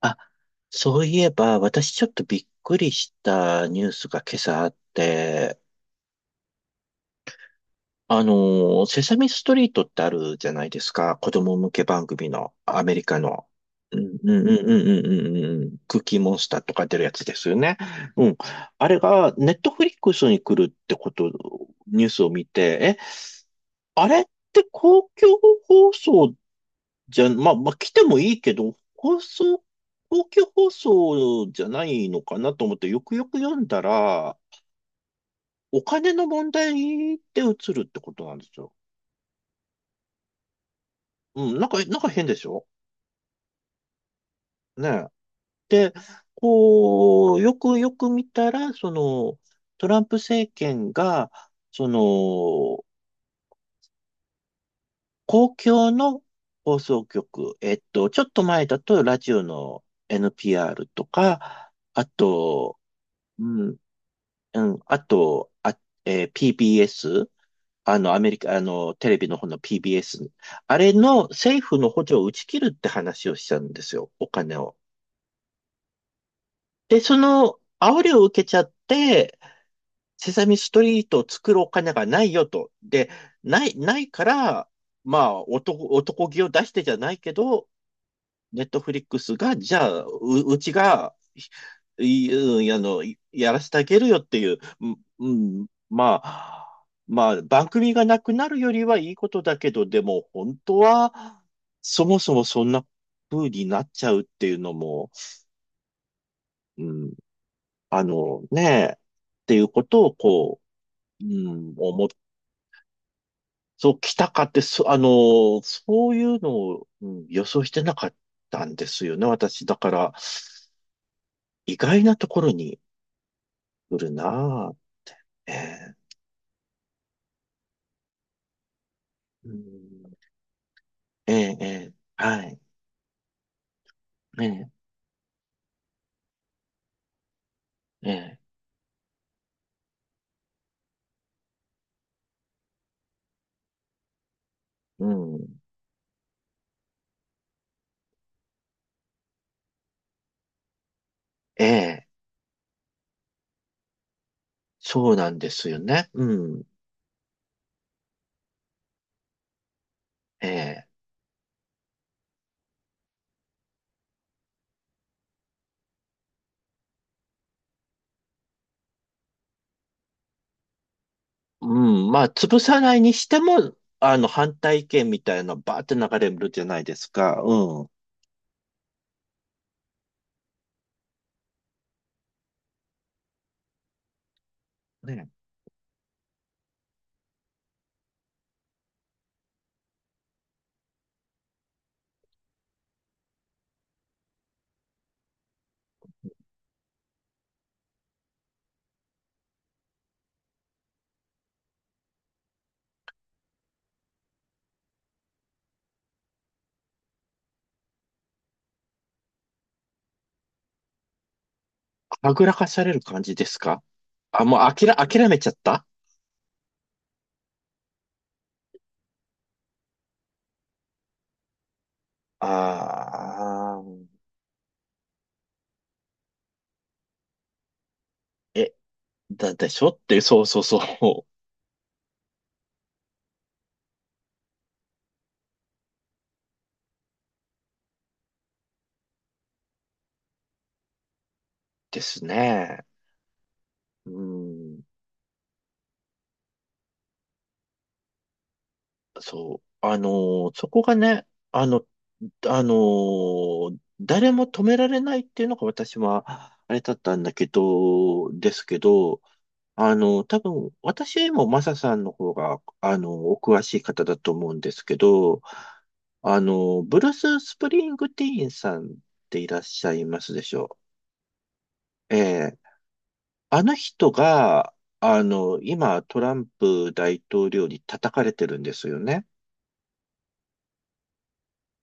あ、そういえば、私ちょっとびっくりしたニュースが今朝あって、あのセサミストリートってあるじゃないですか。子供向け番組の、アメリカの。うんうんうんうんうんうんうん。クッキーモンスターとか出るやつですよね。うん。あれが、ネットフリックスに来るってこと、ニュースを見て、え、あれって公共放送じゃ、まあ、来てもいいけど、放送、公共放送じゃないのかなと思って、よくよく読んだら、お金の問題で移るってことなんですよ。うん、なんか変でしょねえ。で、こう、よくよく見たら、その、トランプ政権が、その、公共の放送局、ちょっと前だとラジオの NPR とか、あと、うん、うん。あと、あ、PBS? アメリカ、あの、テレビの方の PBS。あれの政府の補助を打ち切るって話をしたんですよ。お金を。で、その煽りを受けちゃって、セサミストリートを作るお金がないよと。で、ないから、まあ、男気を出してじゃないけど、ネットフリックスが、じゃあ、うちが、い、うあの、やらせてあげるよっていう、まあ、まあ、番組がなくなるよりはいいことだけど、でも、本当は、そもそもそんな風になっちゃうっていうのも、うん、ねえ、っていうことを、こう、うん、そう、来たかって、そういうのを、うん予想してなかったんですよね、私。だから、意外なところにくるなぁ。ええ、うん、ええ、ええ、はい。ええ、ええ、うん。ええ、そうなんですよね。うん。ええ、うん。まあ、潰さないにしても、あの、反対意見みたいなのバーって流れるじゃないですか。うん。ねえ、はぐらかされる感じですか。あ、もうあきら、諦めちゃった。ああー、え、だでしょって、そうそうそう。ですね。うん。そう。あのーそこがね、あの、あのー誰も止められないっていうのが私は、あれだったんだけど、ですけど、あの、多分、私よりもマサさんの方が、あの、お詳しい方だと思うんですけど、あの、ブルース・スプリングティーンさんっていらっしゃいますでしょう。ええ、あの人が、あの、今、トランプ大統領に叩かれてるんですよね。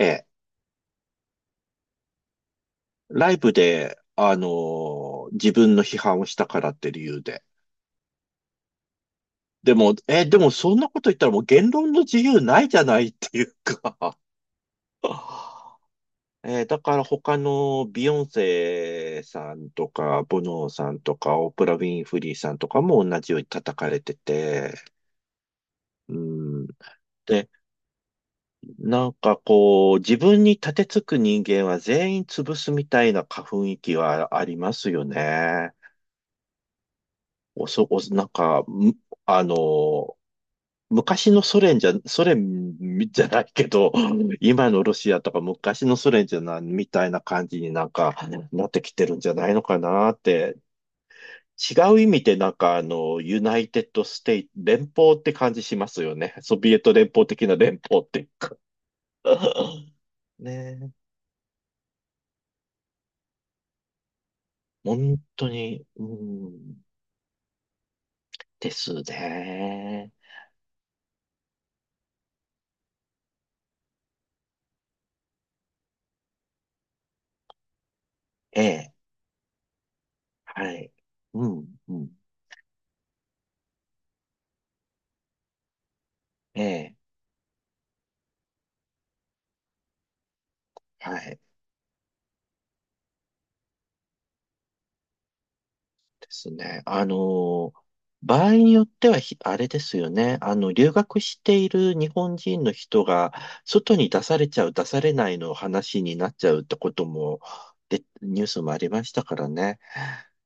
ええ、ライブで、あのー自分の批判をしたからって理由で。でも、え、でもそんなこと言ったらもう言論の自由ないじゃないっていうか。 えーだから他のビヨンセさんとか、ボノーさんとか、オプラ・ウィンフリーさんとかも同じように叩かれてて、うん。で、なんかこう、自分に立てつく人間は全員潰すみたいな雰囲気はありますよね。おそ、お、なんか、あの、昔のソ連じゃないけど、今のロシアとか昔のソ連じゃないみたいな感じになんかなってきてるんじゃないのかなって、違う意味でなんかあの、ユナイテッドステイ、連邦って感じしますよね。ソビエト連邦的な連邦っていうか。ねえ、本当に、うん、ですね。ええ、はい。うん、うん、ええ、はい。ですね。あの、場合によってはあれですよね。あの、留学している日本人の人が、外に出されちゃう、出されないの話になっちゃうってことも、で、ニュースもありましたからね。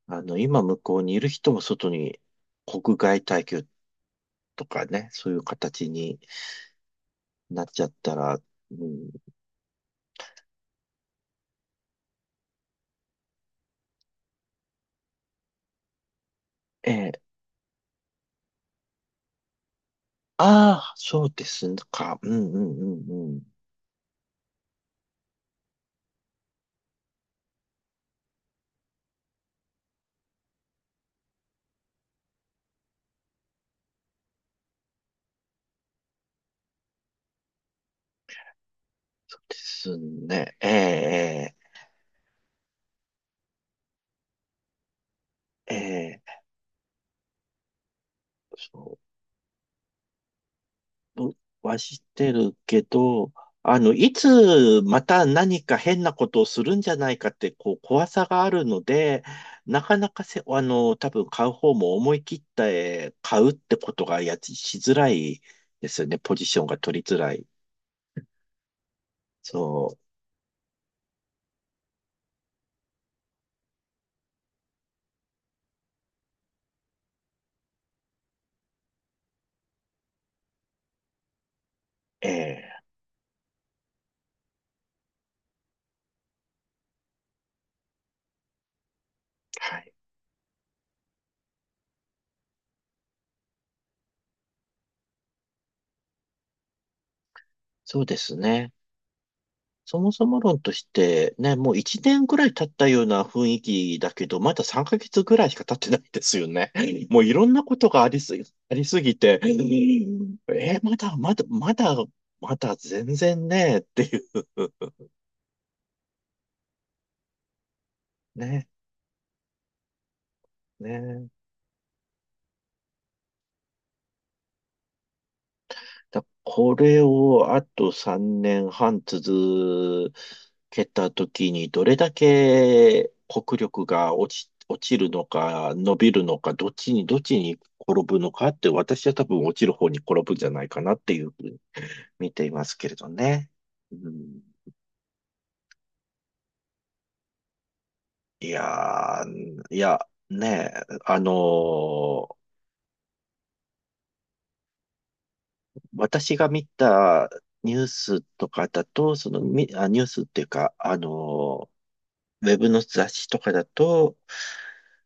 あの、今向こうにいる人も外に、国外退去とかね、そういう形になっちゃったら、うん、ええ、ああ、そうですか。うんうんうんうん。そうですね。ええ、ええ、ええ。そうはしてるけど、あの、いつまた何か変なことをするんじゃないかって、こう、怖さがあるので、なかなかせ、あの、多分買う方も思い切って買うってことがやつしづらいですよね。ポジションが取りづらい。そう。ええはい。そうですね。そもそも論としてね、もう1年ぐらい経ったような雰囲気だけど、まだ3ヶ月ぐらいしか経ってないですよね。もういろんなことがありすぎ、ありすぎて、まだ、まだ、まだ、まだ全然ね、っていうね、ね。だこれをあと3年半続けたときに、どれだけ国力が落ち、落ちるのか、伸びるのか、どっちに転ぶのかって、私は多分落ちる方に転ぶんじゃないかなっていうふうに見ていますけれどね。うん、いやー、いや、ねえ、あのー私が見たニュースとかだと、その、ニュースっていうか、あのーウェブの雑誌とかだと、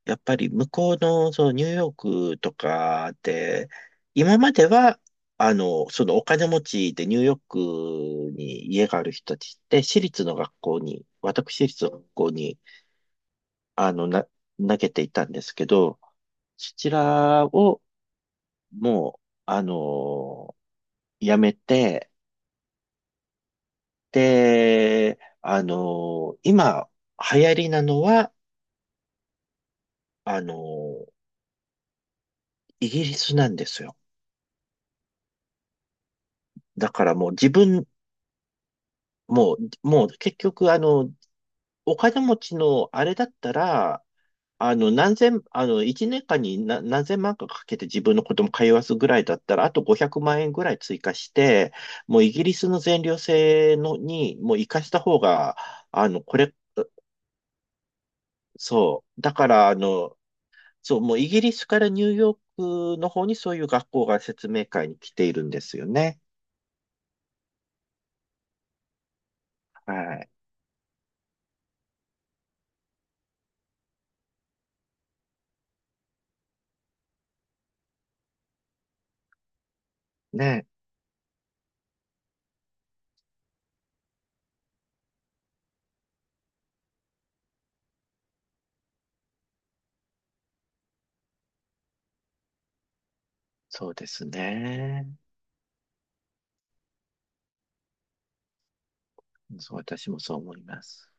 やっぱり向こうの、そのニューヨークとかで、今までは、あの、そのお金持ちでニューヨークに家がある人たちって、私立の学校に、あの、な、投げていたんですけど、そちらをもう、あの、やめて、で、あの、今、流行りなのは、あの、イギリスなんですよ。だからもう自分、もう結局、あの、お金持ちのあれだったら、あの、一年間に何千万かかけて自分の子供通わすぐらいだったら、あと500万円ぐらい追加して、もうイギリスの全寮制のに、もう生かした方が、あの、これ、そう。だから、あの、そう、もうイギリスからニューヨークの方にそういう学校が説明会に来ているんですよね。はい。ね。そうですね。そう、私もそう思います。